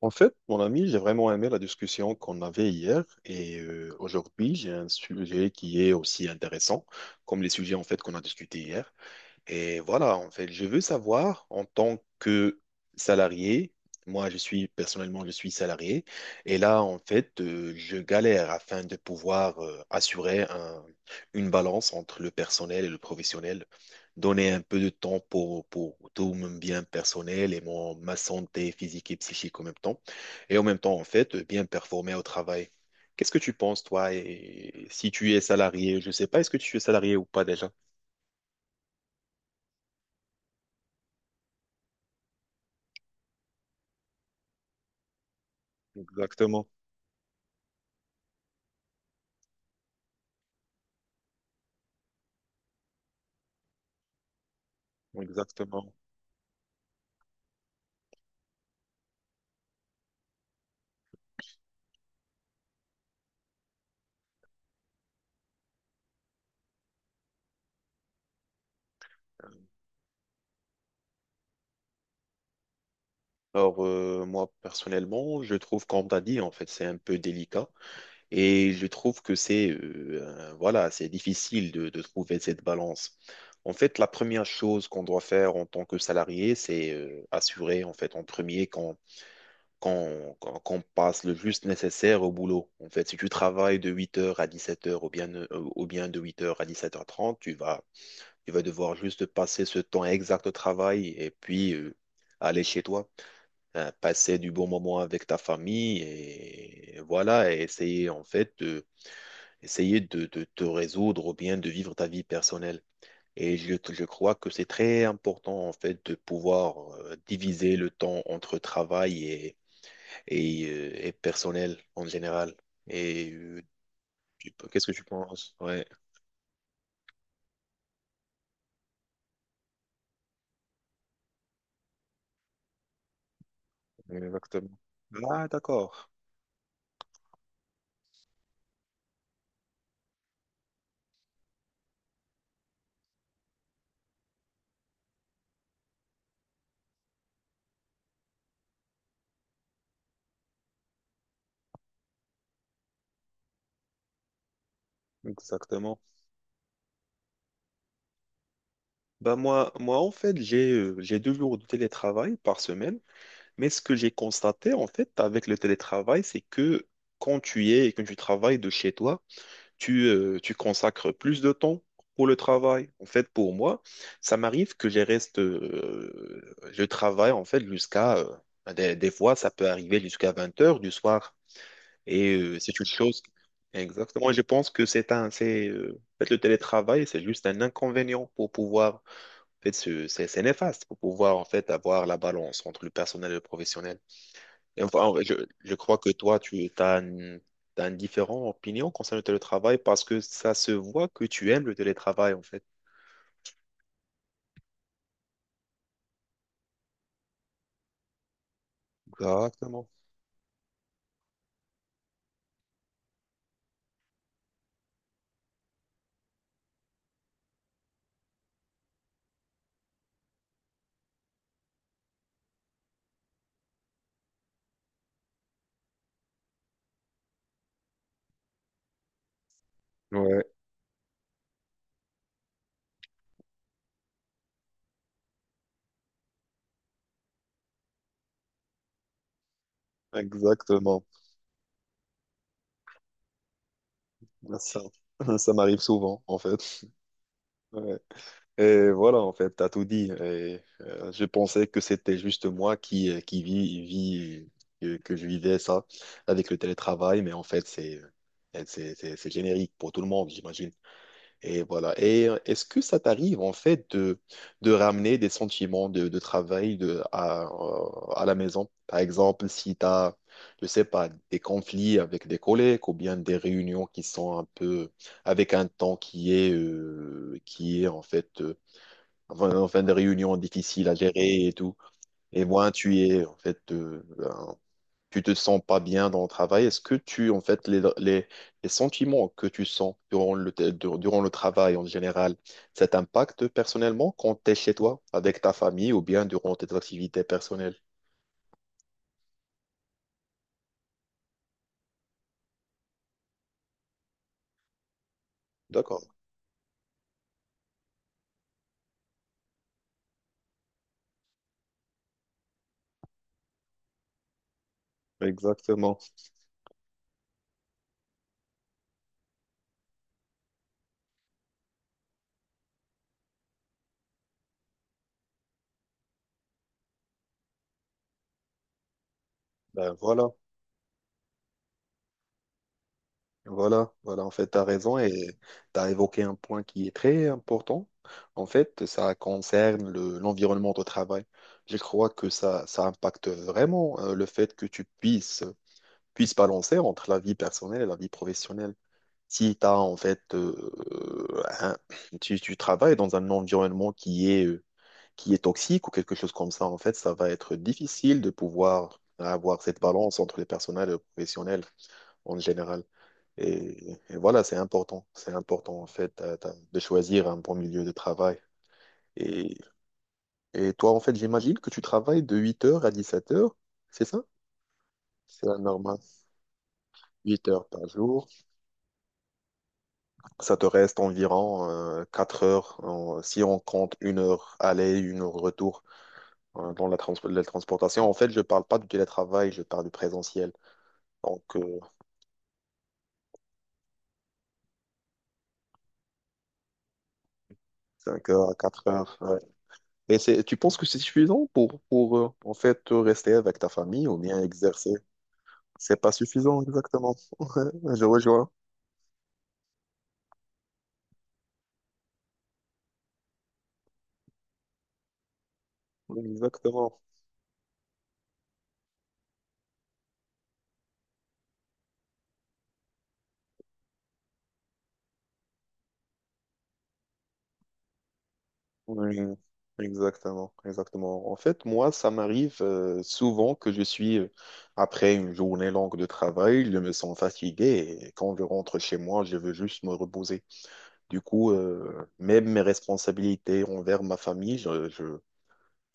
En fait, mon ami, j'ai vraiment aimé la discussion qu'on avait hier et aujourd'hui, j'ai un sujet qui est aussi intéressant comme les sujets en fait qu'on a discutés hier. Et voilà, en fait, je veux savoir en tant que salarié, moi je suis personnellement, je suis salarié, et là, en fait, je galère afin de pouvoir assurer une balance entre le personnel et le professionnel, donner un peu de temps pour tout mon bien personnel et mon, ma santé physique et psychique en même temps, et en même temps, en fait, bien performer au travail. Qu'est-ce que tu penses, toi, et si tu es salarié, je ne sais pas, est-ce que tu es salarié ou pas déjà? Exactement. Exactement. Alors, moi, personnellement, je trouve, comme t'as dit, en fait, c'est un peu délicat. Et je trouve que c'est, voilà, c'est difficile de trouver cette balance. En fait, la première chose qu'on doit faire en tant que salarié, c'est assurer, en fait, en premier, qu'on passe le juste nécessaire au boulot. En fait, si tu travailles de huit heures à dix-sept heures, ou bien de huit heures à dix-sept heures trente, tu vas devoir juste passer ce temps exact au travail et puis aller chez toi. Passer du bon moment avec ta famille et, voilà, et essayer en fait essayer de te résoudre ou bien de vivre ta vie personnelle. Et je crois que c'est très important en fait de pouvoir diviser le temps entre travail et, et personnel en général. Et qu'est-ce que tu penses? Ouais, exactement. Ah, d'accord, exactement. Bah moi en fait, j'ai deux jours de télétravail par semaine. Mais ce que j'ai constaté, en fait, avec le télétravail, c'est que quand tu y es et que tu travailles de chez toi, tu consacres plus de temps pour le travail. En fait, pour moi, ça m'arrive que je reste, je travaille, en fait, des fois, ça peut arriver jusqu'à 20 heures du soir. Et c'est une chose. Exactement. Et je pense que en fait, le télétravail, c'est juste un inconvénient pour pouvoir, en fait, c'est néfaste pour pouvoir, en fait, avoir la balance entre le personnel et le professionnel. Et enfin, je crois que toi, t'as une différente opinion concernant le télétravail parce que ça se voit que tu aimes le télétravail, en fait. Exactement. Ouais, exactement. Ça, ça m'arrive souvent, en fait. Ouais. Et voilà, en fait, t'as tout dit. Et, je pensais que c'était juste moi qui, que je vivais ça avec le télétravail, mais en fait, c'est, c'est générique pour tout le monde, j'imagine. Et voilà. Et est-ce que ça t'arrive en fait de ramener des sentiments de travail à la maison? Par exemple, si tu as, je sais pas, des conflits avec des collègues ou bien des réunions qui sont un peu avec un temps qui est en fait, enfin, enfin, des réunions difficiles à gérer et tout. Et moi, tu es en fait tu te sens pas bien dans le travail, est-ce que tu, en fait, les sentiments que tu sens durant durant le travail en général, ça t'impacte personnellement quand tu es chez toi, avec ta famille ou bien durant tes activités personnelles? D'accord, exactement. Ben voilà, voilà, voilà, en fait, tu as raison et tu as évoqué un point qui est très important. En fait, ça concerne l'environnement de travail. Je crois que ça impacte vraiment le fait que tu puisse balancer entre la vie personnelle et la vie professionnelle. Si tu as en fait, tu travailles dans un environnement qui est toxique ou quelque chose comme ça, en fait, ça va être difficile de pouvoir avoir cette balance entre les personnels et le professionnel en général. Et voilà, c'est important. C'est important, en fait, de choisir un bon milieu de travail. Et, et toi, en fait, j'imagine que tu travailles de 8 heures à 17 heures, c'est ça? C'est la normale. 8 heures par jour. Ça te reste environ 4 heures, si on compte une heure aller, une heure retour dans la, la transportation. En fait, je parle pas du télétravail, je parle du présentiel. Donc, 5 heures à 4 heures. Ouais. Et c'est, tu penses que c'est suffisant pour rester avec ta famille ou bien exercer? C'est pas suffisant, exactement. Je rejoins. Exactement. Oui, exactement, exactement. En fait, moi, ça m'arrive souvent que je suis, après une journée longue de travail, je me sens fatigué et quand je rentre chez moi, je veux juste me reposer. Du coup, même mes responsabilités envers ma famille,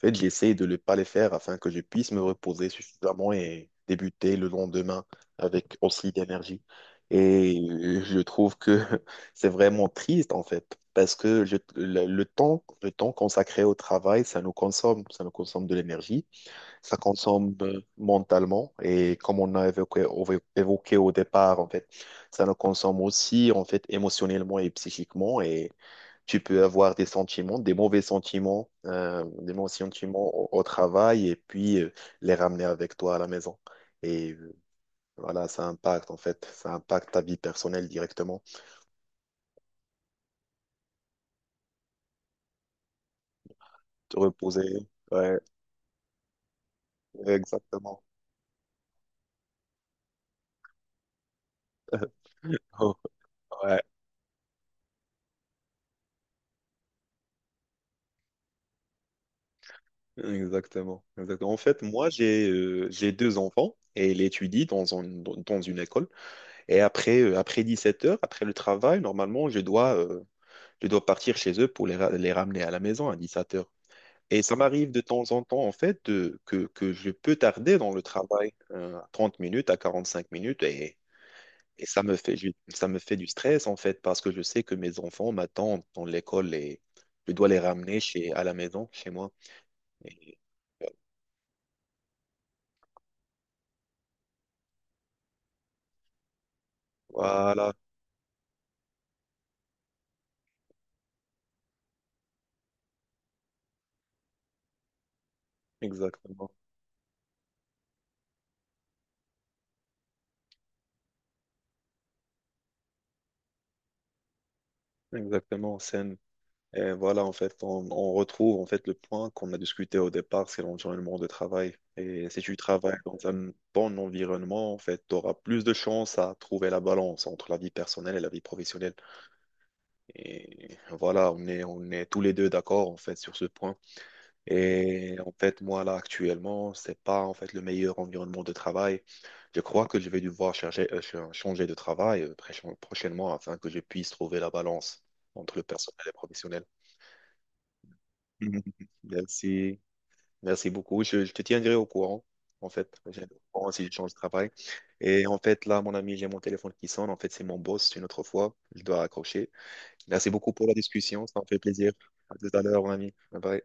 en fait, j'essaie de ne pas les faire afin que je puisse me reposer suffisamment et débuter le lendemain avec aussi d'énergie. Et je trouve que c'est vraiment triste, en fait, parce que le temps consacré au travail, ça nous consomme de l'énergie, ça consomme mentalement, et comme on a évoqué, évoqué au départ, en fait, ça nous consomme aussi, en fait, émotionnellement et psychiquement, et tu peux avoir des sentiments, des mauvais sentiments, des mauvais sentiments au travail et puis les ramener avec toi à la maison. Et voilà, ça impacte en fait, ça impacte ta vie personnelle directement. Te reposer, ouais, exactement. Oh, ouais, exactement, exactement. En fait, moi, j'ai deux enfants et elle étudie dans une école. Et après, après 17 heures, après le travail, normalement, je dois partir chez eux pour les ramener à la maison à 17 heures. Et ça m'arrive de temps en temps, en fait, que je peux tarder dans le travail, à 30 minutes, à 45 minutes, et, ça me fait du stress, en fait, parce que je sais que mes enfants m'attendent dans l'école et je dois les ramener à la maison, chez moi. Et voilà, exactement. Exactement, c'est un- Et voilà, en fait, on retrouve en fait le point qu'on a discuté au départ, c'est l'environnement de travail. Et si tu travailles dans un bon environnement, en fait, tu auras plus de chances à trouver la balance entre la vie personnelle et la vie professionnelle. Et voilà, on est tous les deux d'accord, en fait, sur ce point. Et en fait, moi, là, actuellement, c'est pas, en fait, le meilleur environnement de travail. Je crois que je vais devoir chercher, changer de travail prochainement afin que je puisse trouver la balance entre le personnel et le professionnel. Merci. Merci beaucoup. Je te tiendrai au courant, en fait. Je tiendrai au courant si je change de travail. Et en fait, là, mon ami, j'ai mon téléphone qui sonne. En fait, c'est mon boss une autre fois. Je dois raccrocher. Merci beaucoup pour la discussion. Ça me fait plaisir. À tout à l'heure, mon ami. Bye bye.